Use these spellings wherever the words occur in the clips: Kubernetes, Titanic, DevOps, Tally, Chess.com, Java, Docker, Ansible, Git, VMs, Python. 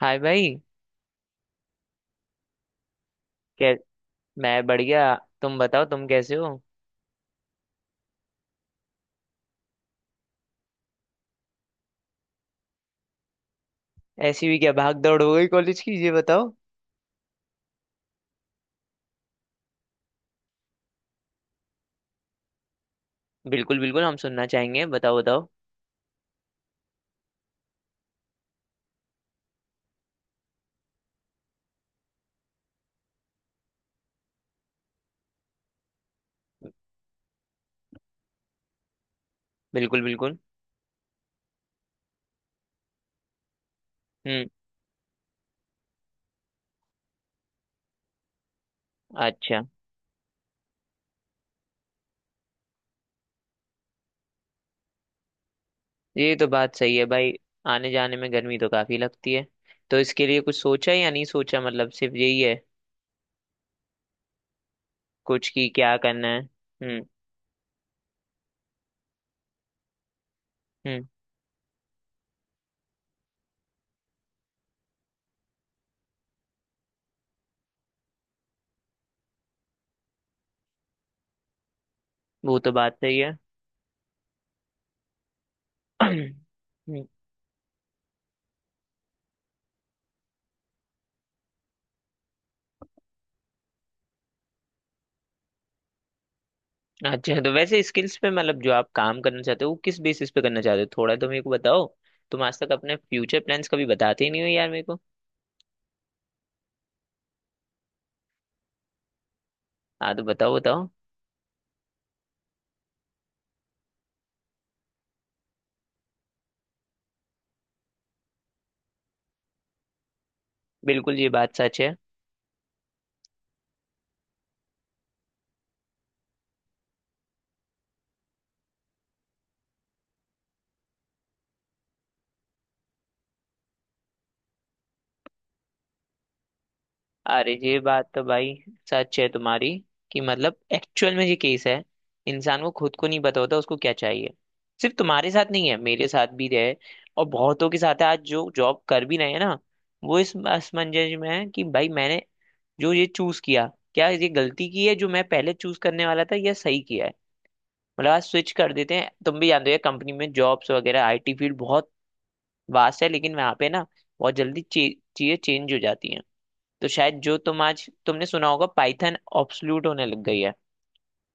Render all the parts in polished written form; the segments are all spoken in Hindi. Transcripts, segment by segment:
हाय भाई। कै मैं बढ़िया। तुम बताओ तुम कैसे हो। ऐसी भी क्या भाग दौड़ हो गई कॉलेज की ये बताओ। बिल्कुल बिल्कुल, हम सुनना चाहेंगे, बताओ बताओ। बिल्कुल बिल्कुल। हम्म। अच्छा। ये तो बात सही है भाई। आने जाने में गर्मी तो काफी लगती है, तो इसके लिए कुछ सोचा या नहीं सोचा मतलब सिर्फ यही है। कुछ की क्या करना है। हम्म। हम्म। वो तो बात सही है। हम्म, अच्छा। तो वैसे स्किल्स पे मतलब जो आप काम करना चाहते हो वो किस बेसिस पे करना चाहते हो थोड़ा तो मेरे को बताओ। तुम आज तक अपने फ्यूचर प्लान्स कभी बताते ही नहीं हो यार मेरे को। हाँ तो बताओ बताओ। बिल्कुल ये बात सच है। अरे ये बात तो भाई सच है तुम्हारी, कि मतलब एक्चुअल में ये केस है। इंसान को खुद को नहीं पता होता उसको क्या चाहिए। सिर्फ तुम्हारे साथ नहीं है, मेरे साथ भी है, और बहुतों के साथ है। आज जो जॉब कर भी रहे हैं ना, वो इस असमंजस में है कि भाई मैंने जो ये चूज किया क्या ये गलती की है, जो मैं पहले चूज करने वाला था, या सही किया है। मतलब आज स्विच कर देते हैं, तुम भी जानते हो कंपनी में जॉब्स वगैरह। आईटी फील्ड बहुत वास्ट है, लेकिन वहां पे ना बहुत जल्दी चीजें चेंज हो जाती हैं। तो शायद जो तुम आज तुमने सुना होगा, पाइथन ऑब्सोल्यूट होने लग गई है,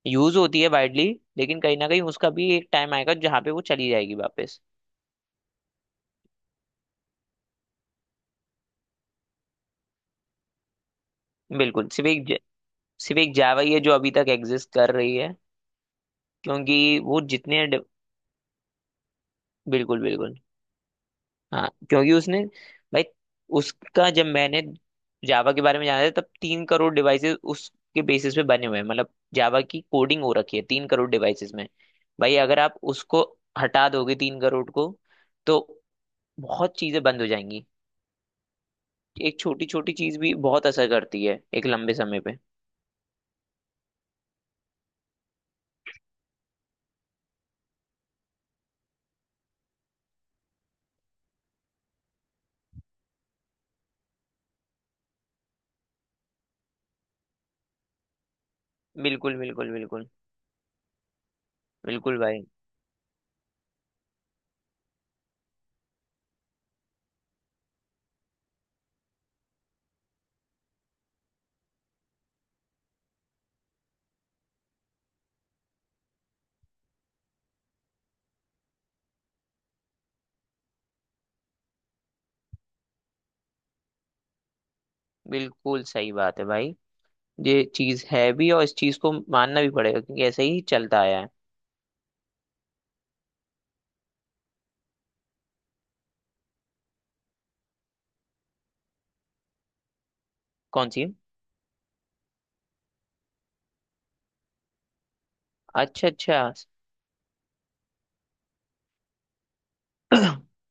यूज होती है वाइडली, लेकिन कहीं ना कहीं उसका भी एक टाइम आएगा जहाँ पे वो चली जाएगी वापस। बिल्कुल। सिर्फ एक जावा ही है जो अभी तक एग्जिस्ट कर रही है, क्योंकि वो बिल्कुल बिल्कुल। हाँ, क्योंकि उसने भाई, उसका जब मैंने जावा के बारे में जाना था, तब 3 करोड़ डिवाइसेस उसके बेसिस पे बने हुए हैं, मतलब जावा की कोडिंग हो रखी है 3 करोड़ डिवाइसेस में। भाई अगर आप उसको हटा दोगे 3 करोड़ को, तो बहुत चीजें बंद हो जाएंगी। एक छोटी छोटी चीज भी बहुत असर करती है एक लंबे समय पे। बिल्कुल बिल्कुल बिल्कुल। बिल्कुल भाई, बिल्कुल सही बात है भाई। ये चीज है भी, और इस चीज को मानना भी पड़ेगा, क्योंकि ऐसे ही चलता आया है। कौन सी। अच्छा अच्छा।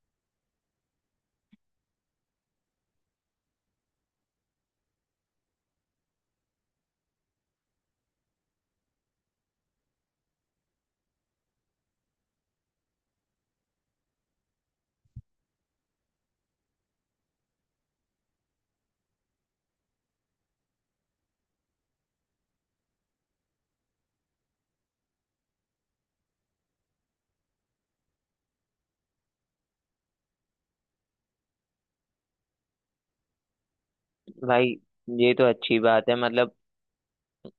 भाई ये तो अच्छी बात है मतलब।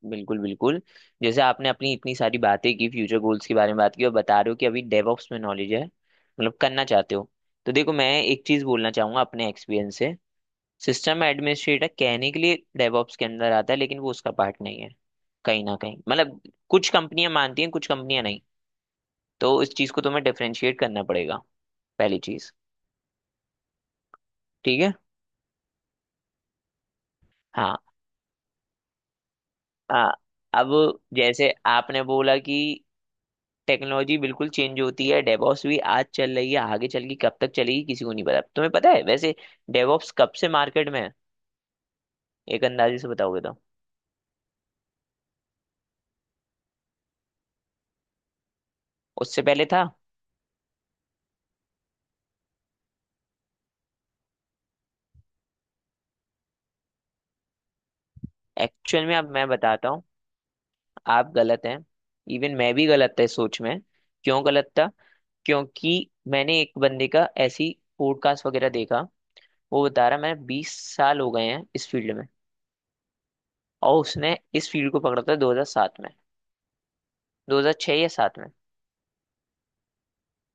बिल्कुल बिल्कुल। जैसे आपने अपनी इतनी सारी बातें की, फ्यूचर गोल्स के बारे में बात की, और बता रहे हो कि अभी डेवऑप्स में नॉलेज है, मतलब करना चाहते हो। तो देखो मैं एक चीज बोलना चाहूंगा अपने एक्सपीरियंस से। सिस्टम एडमिनिस्ट्रेटर कहने के लिए डेवऑप्स के अंदर आता है, लेकिन वो उसका पार्ट नहीं है। कहीं ना कहीं मतलब कुछ कंपनियां मानती हैं, कुछ कंपनियां नहीं। तो इस चीज को तुम्हें डिफरेंशिएट करना पड़ेगा, पहली चीज। ठीक है। हाँ। आ, अब जैसे आपने बोला कि टेक्नोलॉजी बिल्कुल चेंज होती है, डेवॉप्स भी आज चल रही है, आगे चल के कब तक चलेगी किसी को नहीं पता। तुम्हें पता है वैसे डेवॉप्स कब से मार्केट में है। एक अंदाजे से बताओगे तो। उससे पहले था। एक्चुअल में अब मैं बताता हूँ। आप गलत हैं। इवन मैं भी गलत था इस सोच में। क्यों गलत था। क्योंकि मैंने एक बंदे का ऐसी पॉडकास्ट वगैरह देखा। वो बता रहा मैं 20 साल हो गए हैं इस फील्ड में, और उसने इस फील्ड को पकड़ा था 2007 में, 2006 या सात।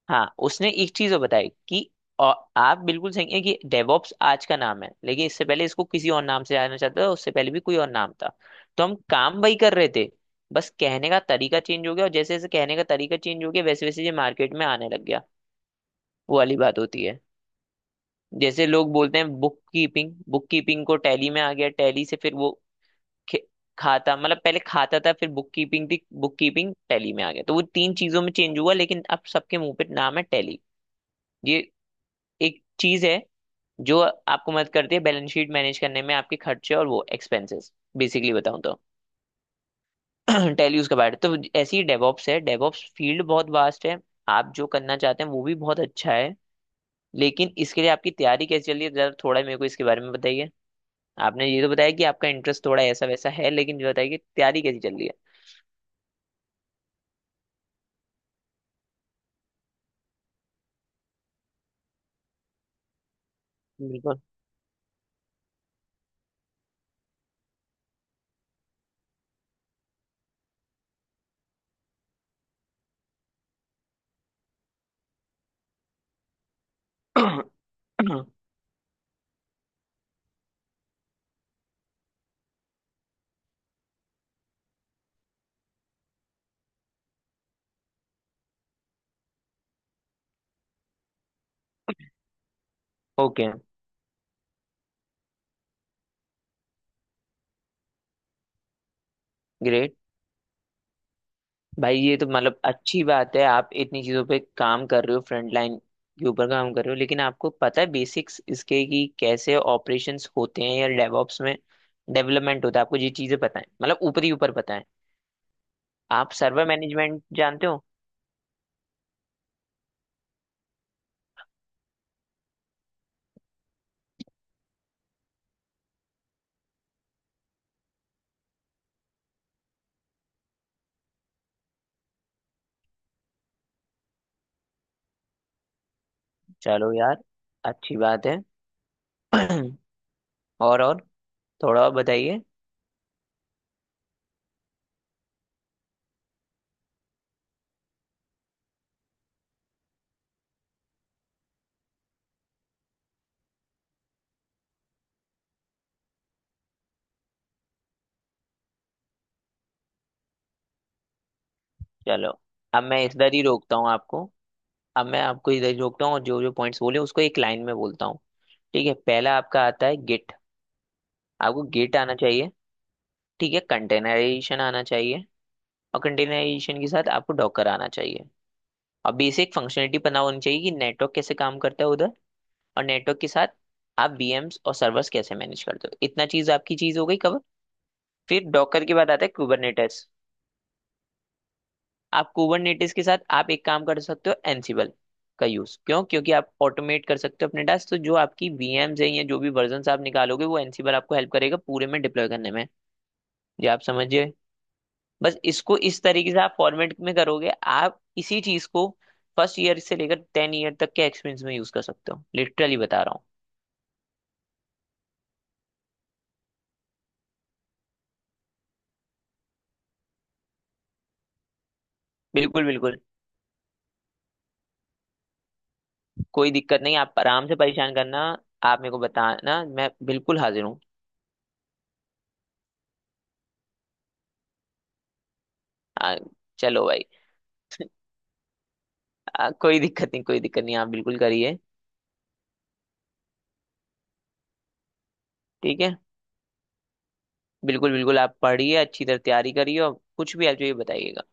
हाँ उसने एक चीज और बताई कि, और आप बिल्कुल सही है, कि डेवॉप्स आज का नाम है, लेकिन इससे पहले इसको किसी और नाम से जाना चाहता था, उससे पहले भी कोई और नाम था। तो हम काम वही कर रहे थे, बस कहने का तरीका चेंज हो गया, और जैसे जैसे कहने का तरीका चेंज हो गया, वैसे वैसे ये मार्केट में आने लग गया। वो वाली बात होती है, जैसे लोग बोलते हैं बुक कीपिंग। बुक कीपिंग को टैली में आ गया, टैली से फिर वो खे- खाता। मतलब पहले खाता था, फिर बुक कीपिंग थी, बुक कीपिंग टैली में आ गया, तो वो तीन चीजों में चेंज हुआ, लेकिन अब सबके मुंह पे नाम है टैली। ये एक चीज है जो आपको मदद करती है बैलेंस शीट मैनेज करने में, आपके खर्चे और वो एक्सपेंसेस बेसिकली बताऊं तो टेल यू उसके बारे, तो ऐसी ही डेवॉप्स है। डेवॉप्स फील्ड बहुत वास्ट है। आप जो करना चाहते हैं वो भी बहुत अच्छा है, लेकिन इसके लिए आपकी तैयारी कैसे चल रही है जरा थोड़ा मेरे को इसके बारे में बताइए। आपने ये तो बताया कि आपका इंटरेस्ट थोड़ा ऐसा वैसा है, लेकिन ये बताइए कि तैयारी कैसी चल रही है। बिल्कुल। Okay, great. भाई ये तो मतलब अच्छी बात है, आप इतनी चीजों पे काम कर रहे हो, फ्रंट लाइन के ऊपर काम कर रहे हो, लेकिन आपको पता है बेसिक्स इसके कि कैसे ऑपरेशंस होते हैं या डेवऑप्स में डेवलपमेंट होता है, आपको ये चीजें पता है मतलब ऊपर ही ऊपर पता है। आप सर्वर मैनेजमेंट जानते हो। चलो यार, अच्छी बात है। और थोड़ा और बताइए। चलो अब मैं इधर ही रोकता हूँ आपको। अब मैं आपको इधर ही रोकता हूँ, और जो जो पॉइंट्स बोले उसको एक लाइन में बोलता हूँ। ठीक है, पहला आपका आता है गिट। आपको गिट आना चाहिए। ठीक है, कंटेनराइजेशन आना चाहिए, और कंटेनराइजेशन के साथ आपको डॉकर आना चाहिए। और बेसिक फंक्शनलिटी पता होनी चाहिए कि नेटवर्क कैसे काम करता है उधर। और नेटवर्क के साथ आप VMs और सर्वर्स कैसे मैनेज करते हो, इतना चीज आपकी चीज हो गई कवर। फिर डॉकर के बाद आता है कुबरनेटिस। आप कुबरनेटिस के साथ आप एक काम कर सकते हो, एनसिबल का यूज क्यों, क्योंकि आप ऑटोमेट कर सकते हो अपने टास्क, तो जो आपकी VMs है या जो भी वर्जन आप निकालोगे, वो एनसिबल आपको हेल्प करेगा पूरे में डिप्लॉय करने में। ये आप समझिए। बस इसको इस तरीके से आप फॉर्मेट में करोगे, आप इसी चीज को फर्स्ट ईयर से लेकर टेन ईयर तक के एक्सपीरियंस में यूज कर सकते हो, लिटरली बता रहा हूँ। बिल्कुल बिल्कुल। कोई दिक्कत नहीं, आप आराम से परेशान करना। आप मेरे को बताना, मैं बिल्कुल हाजिर हूँ। आ, चलो भाई। कोई दिक्कत नहीं, कोई दिक्कत नहीं, आप बिल्कुल करिए। ठीक है, बिल्कुल बिल्कुल आप पढ़िए, अच्छी तरह तैयारी करिए, और कुछ भी आप जो ये बताइएगा।